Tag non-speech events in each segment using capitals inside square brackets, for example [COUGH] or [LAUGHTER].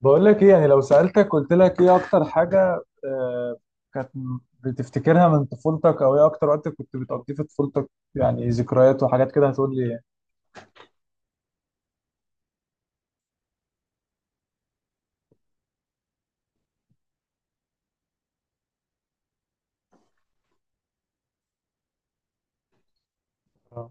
بقول لك ايه؟ يعني لو سألتك قلت لك ايه اكتر حاجة كانت بتفتكرها من طفولتك، او ايه اكتر وقت كنت بتقضيه في طفولتك؟ يعني ذكريات وحاجات كده، هتقول لي إيه؟ آه.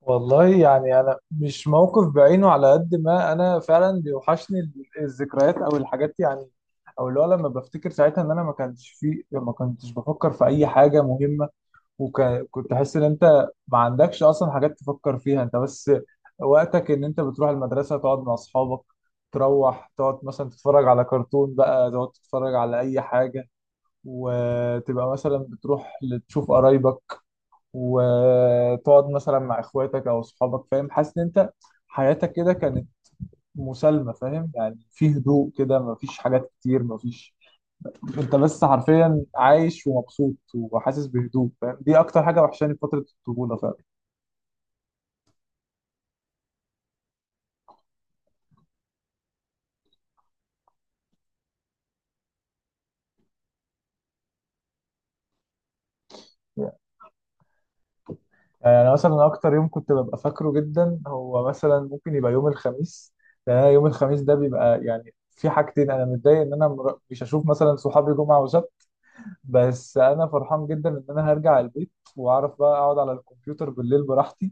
والله يعني انا مش موقف بعينه، على قد ما انا فعلا بيوحشني الذكريات او الحاجات يعني. او اللي هو لما بفتكر ساعتها ان انا ما كانش في، ما كنتش بفكر في اي حاجة مهمة، وكنت احس ان انت ما عندكش اصلا حاجات تفكر فيها. انت بس وقتك ان انت بتروح المدرسه، تقعد مع اصحابك، تروح تقعد مثلا تتفرج على كرتون بقى، تقعد تتفرج على اي حاجه، وتبقى مثلا بتروح تشوف قرايبك، وتقعد مثلا مع اخواتك او اصحابك. فاهم؟ حاسس ان انت حياتك كده كانت مسالمه، فاهم يعني، في هدوء كده، مفيش حاجات كتير، مفيش، انت بس حرفيا عايش ومبسوط وحاسس بهدوء. فاهم؟ دي اكتر حاجه وحشاني في فتره الطفوله، فاهم؟ يعني مثلا اكتر يوم كنت ببقى فاكره جدا هو مثلا ممكن يبقى يوم الخميس. لان انا يوم الخميس ده بيبقى يعني في حاجتين، انا متضايق ان انا مش هشوف مثلا صحابي جمعه وسبت، بس انا فرحان جدا ان انا هرجع البيت واعرف بقى اقعد على الكمبيوتر بالليل براحتي،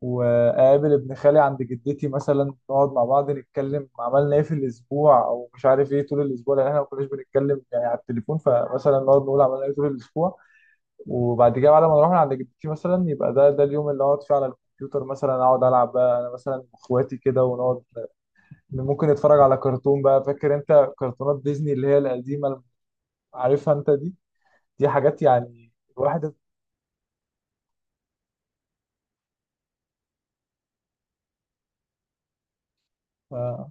واقابل ابن خالي عند جدتي مثلا، نقعد مع بعض نتكلم عملنا ايه في الاسبوع او مش عارف ايه طول الاسبوع، لان احنا ما كناش بنتكلم يعني على التليفون، فمثلا نقعد نقول عملنا ايه طول الاسبوع. وبعد كده بعد ما نروح من عند جدتي مثلا، يبقى ده اليوم اللي اقعد فيه على الكمبيوتر، مثلا اقعد العب بقى انا مثلا واخواتي كده، ونقعد ممكن نتفرج على كرتون بقى. فاكر انت كرتونات ديزني اللي هي القديمه اللي عارفها انت دي؟ دي حاجات يعني، الواحد، آه.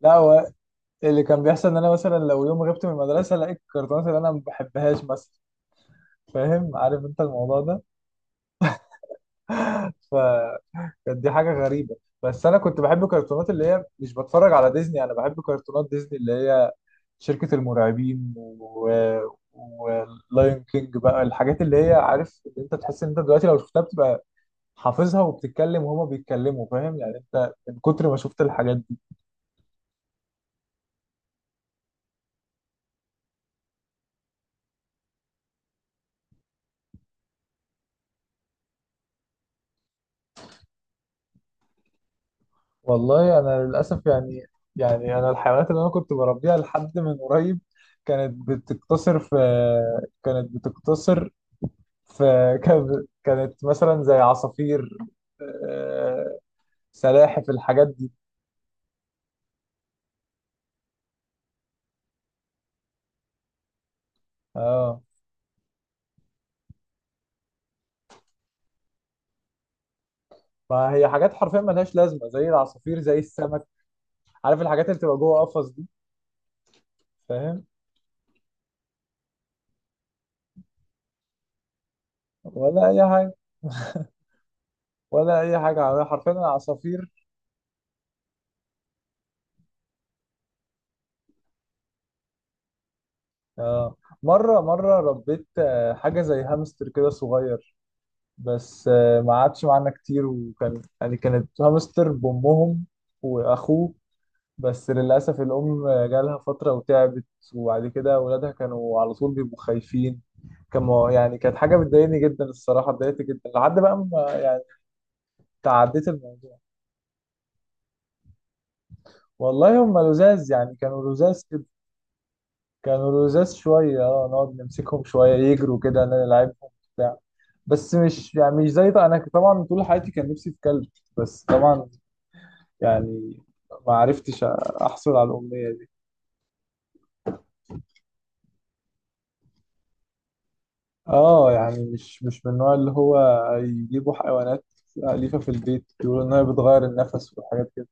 لا هو اللي كان بيحصل ان انا مثلا لو يوم غبت من المدرسه لقيت الكرتونات اللي انا ما بحبهاش مثلا. فاهم؟ عارف انت الموضوع ده. فكانت، دي حاجه غريبه. بس انا كنت بحب الكرتونات اللي هي، مش بتفرج على ديزني، انا بحب كرتونات ديزني اللي هي شركة المرعبين و... ولايون كينج بقى، الحاجات اللي هي، عارف إن انت تحس ان انت دلوقتي لو شفتها بتبقى حافظها، وبتتكلم وهما بيتكلموا، فاهم يعني، انت من كتر ما شفت الحاجات دي. والله انا للاسف يعني، يعني انا الحيوانات اللي انا كنت بربيها لحد من قريب كانت بتقتصر في، كانت بتقتصر في [LAUGHS] كانت مثلا زي عصافير، آه، سلاحف، الحاجات دي. اه، ما هي حاجات حرفيا ملهاش لازمه زي العصافير زي السمك، عارف الحاجات اللي بتبقى جوه قفص دي، فاهم. ولا اي حاجه، ولا اي حاجه، حرفيا انا، عصافير. آه. مره ربيت حاجه زي هامستر كده صغير، بس ما قعدش معانا كتير، وكان يعني كانت هامستر بامهم واخوه. بس للاسف الام جالها فتره وتعبت، وبعد كده اولادها كانوا على طول بيبقوا خايفين. كانوا يعني، كانت حاجه بتضايقني جدا الصراحه، اتضايقت جدا لحد بقى ما يعني تعديت الموضوع. والله هم لزاز يعني، كانوا لزاز، كانوا لزاز شوية، اه نقعد نمسكهم شوية، يجروا كده نلعبهم، بتاع. بس مش يعني مش زي، انا طبعا طول حياتي كان نفسي في كلب، بس طبعا يعني ما عرفتش احصل على الأمنية دي. اه يعني مش، مش من النوع اللي هو يجيبوا حيوانات أليفة في البيت، يقولوا إن هي بتغير النفس وحاجات كده.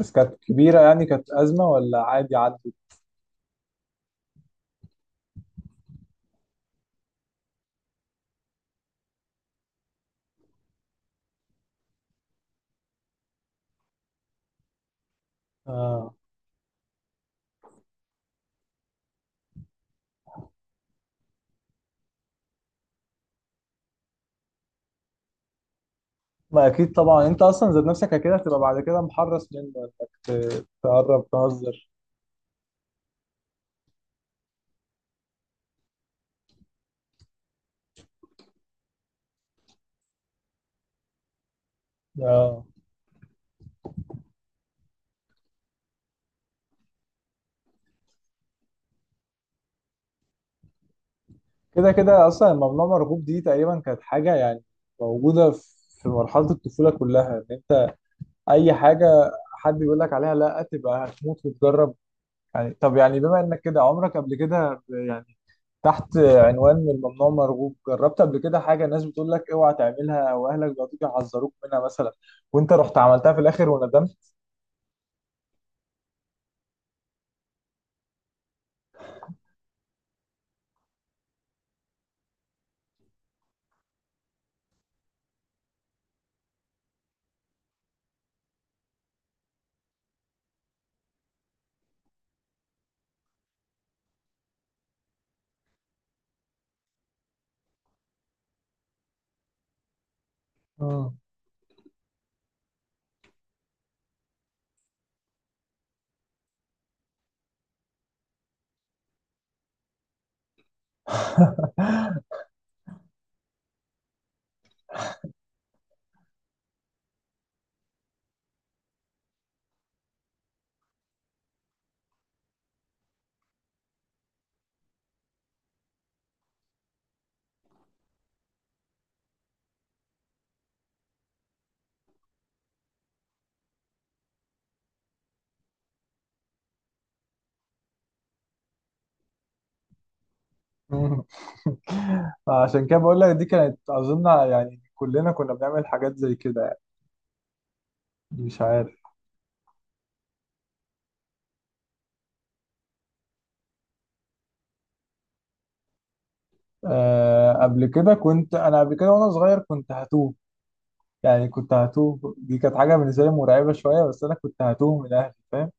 بس كانت كبيرة يعني، كانت أزمة ولا عادي عدت؟ آه، ما أكيد طبعا أنت أصلا ذات نفسك كده هتبقى بعد كده محرص منه، إنك تقرب تهزر. اه، كده كده اصلا ممنوع مرغوب دي، تقريبا كانت حاجه يعني موجوده في مرحله الطفوله كلها، ان انت اي حاجه حد بيقول لك عليها لا تبقى هتموت وتجرب. يعني طب يعني بما انك كده، عمرك قبل كده يعني تحت عنوان من ممنوع مرغوب جربت قبل كده حاجه الناس بتقول لك اوعى تعملها، او اهلك بيقعدوا يحذروك منها مثلا، وانت رحت عملتها في الاخر وندمت؟ مم. مم. [LAUGHS] عشان كده بقول لك دي كانت اظن، يعني كلنا كنا بنعمل حاجات زي كده يعني، مش عارف. آه قبل كده كنت، انا قبل كده وانا صغير كنت هتوه. يعني كنت هتوه، دي كانت حاجه بالنسبه لي مرعبه شويه، بس انا كنت هتوه من اهلي، فاهم؟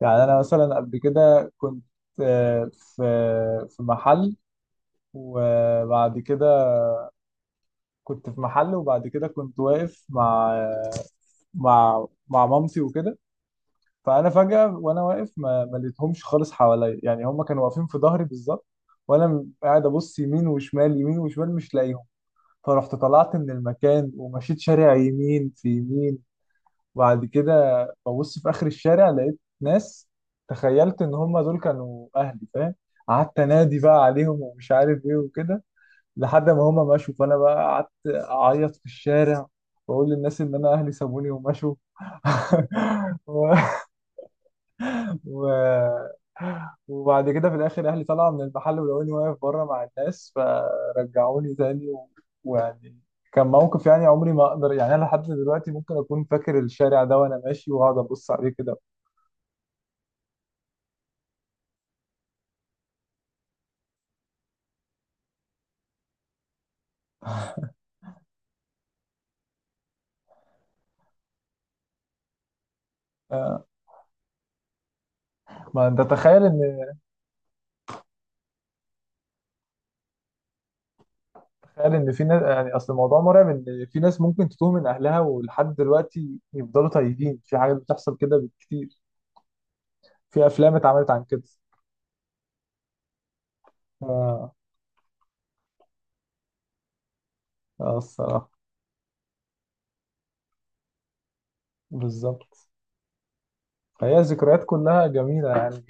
يعني انا مثلا قبل كده كنت، آه في، في محل، وبعد كده، كنت في محل وبعد كده كنت واقف مع، مع مامتي وكده. فانا فجاه وانا واقف، ما لقيتهمش خالص حواليا يعني، هم كانوا واقفين في ظهري بالظبط، وانا قاعد ابص يمين وشمال، يمين وشمال، مش لاقيهم. فرحت طلعت من المكان ومشيت شارع يمين في يمين. وبعد كده ببص في آخر الشارع لقيت ناس، تخيلت إن هم دول كانوا أهلي، فاهم؟ قعدت أنادي بقى عليهم ومش عارف إيه وكده، لحد ما هم مشوا، فأنا بقى قعدت أعيط في الشارع وأقول للناس إن أنا أهلي سابوني ومشوا. [LAUGHS] و... [GASPS] وبعد كده في الاخر اهلي طلعوا من المحل ولقوني واقف بره مع الناس، فرجعوني تاني و... ويعني كان موقف يعني، عمري ما اقدر يعني، انا لحد دلوقتي ممكن اكون فاكر الشارع ده وانا ماشي واقعد ابص عليه كده. آه، ما انت تخيل ان، تخيل ان في ناس يعني، اصل الموضوع مرعب، ان في ناس ممكن تتوه من اهلها ولحد دلوقتي يفضلوا تايهين، في حاجات بتحصل كده بالكتير، في افلام اتعملت عن كده. اه، الصراحه، بالظبط. فهي ذكريات كلها جميله يعني،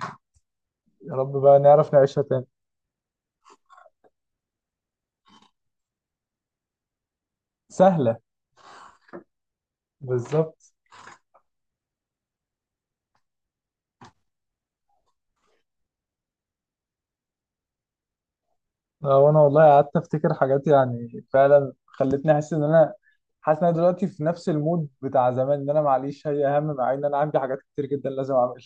يا رب بقى نعرف نعيشها تاني. سهلة، بالظبط. وانا والله قعدت افتكر حاجات، يعني فعلا خلتني احس ان انا، حاسس ان انا دلوقتي في نفس المود بتاع زمان، ان انا معليش هي اهم، مع ان انا عندي حاجات كتير جدا لازم اعملها.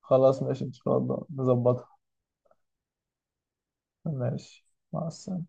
خلاص ماشي ان شاء الله نظبطها. ماشي، مع السلامة.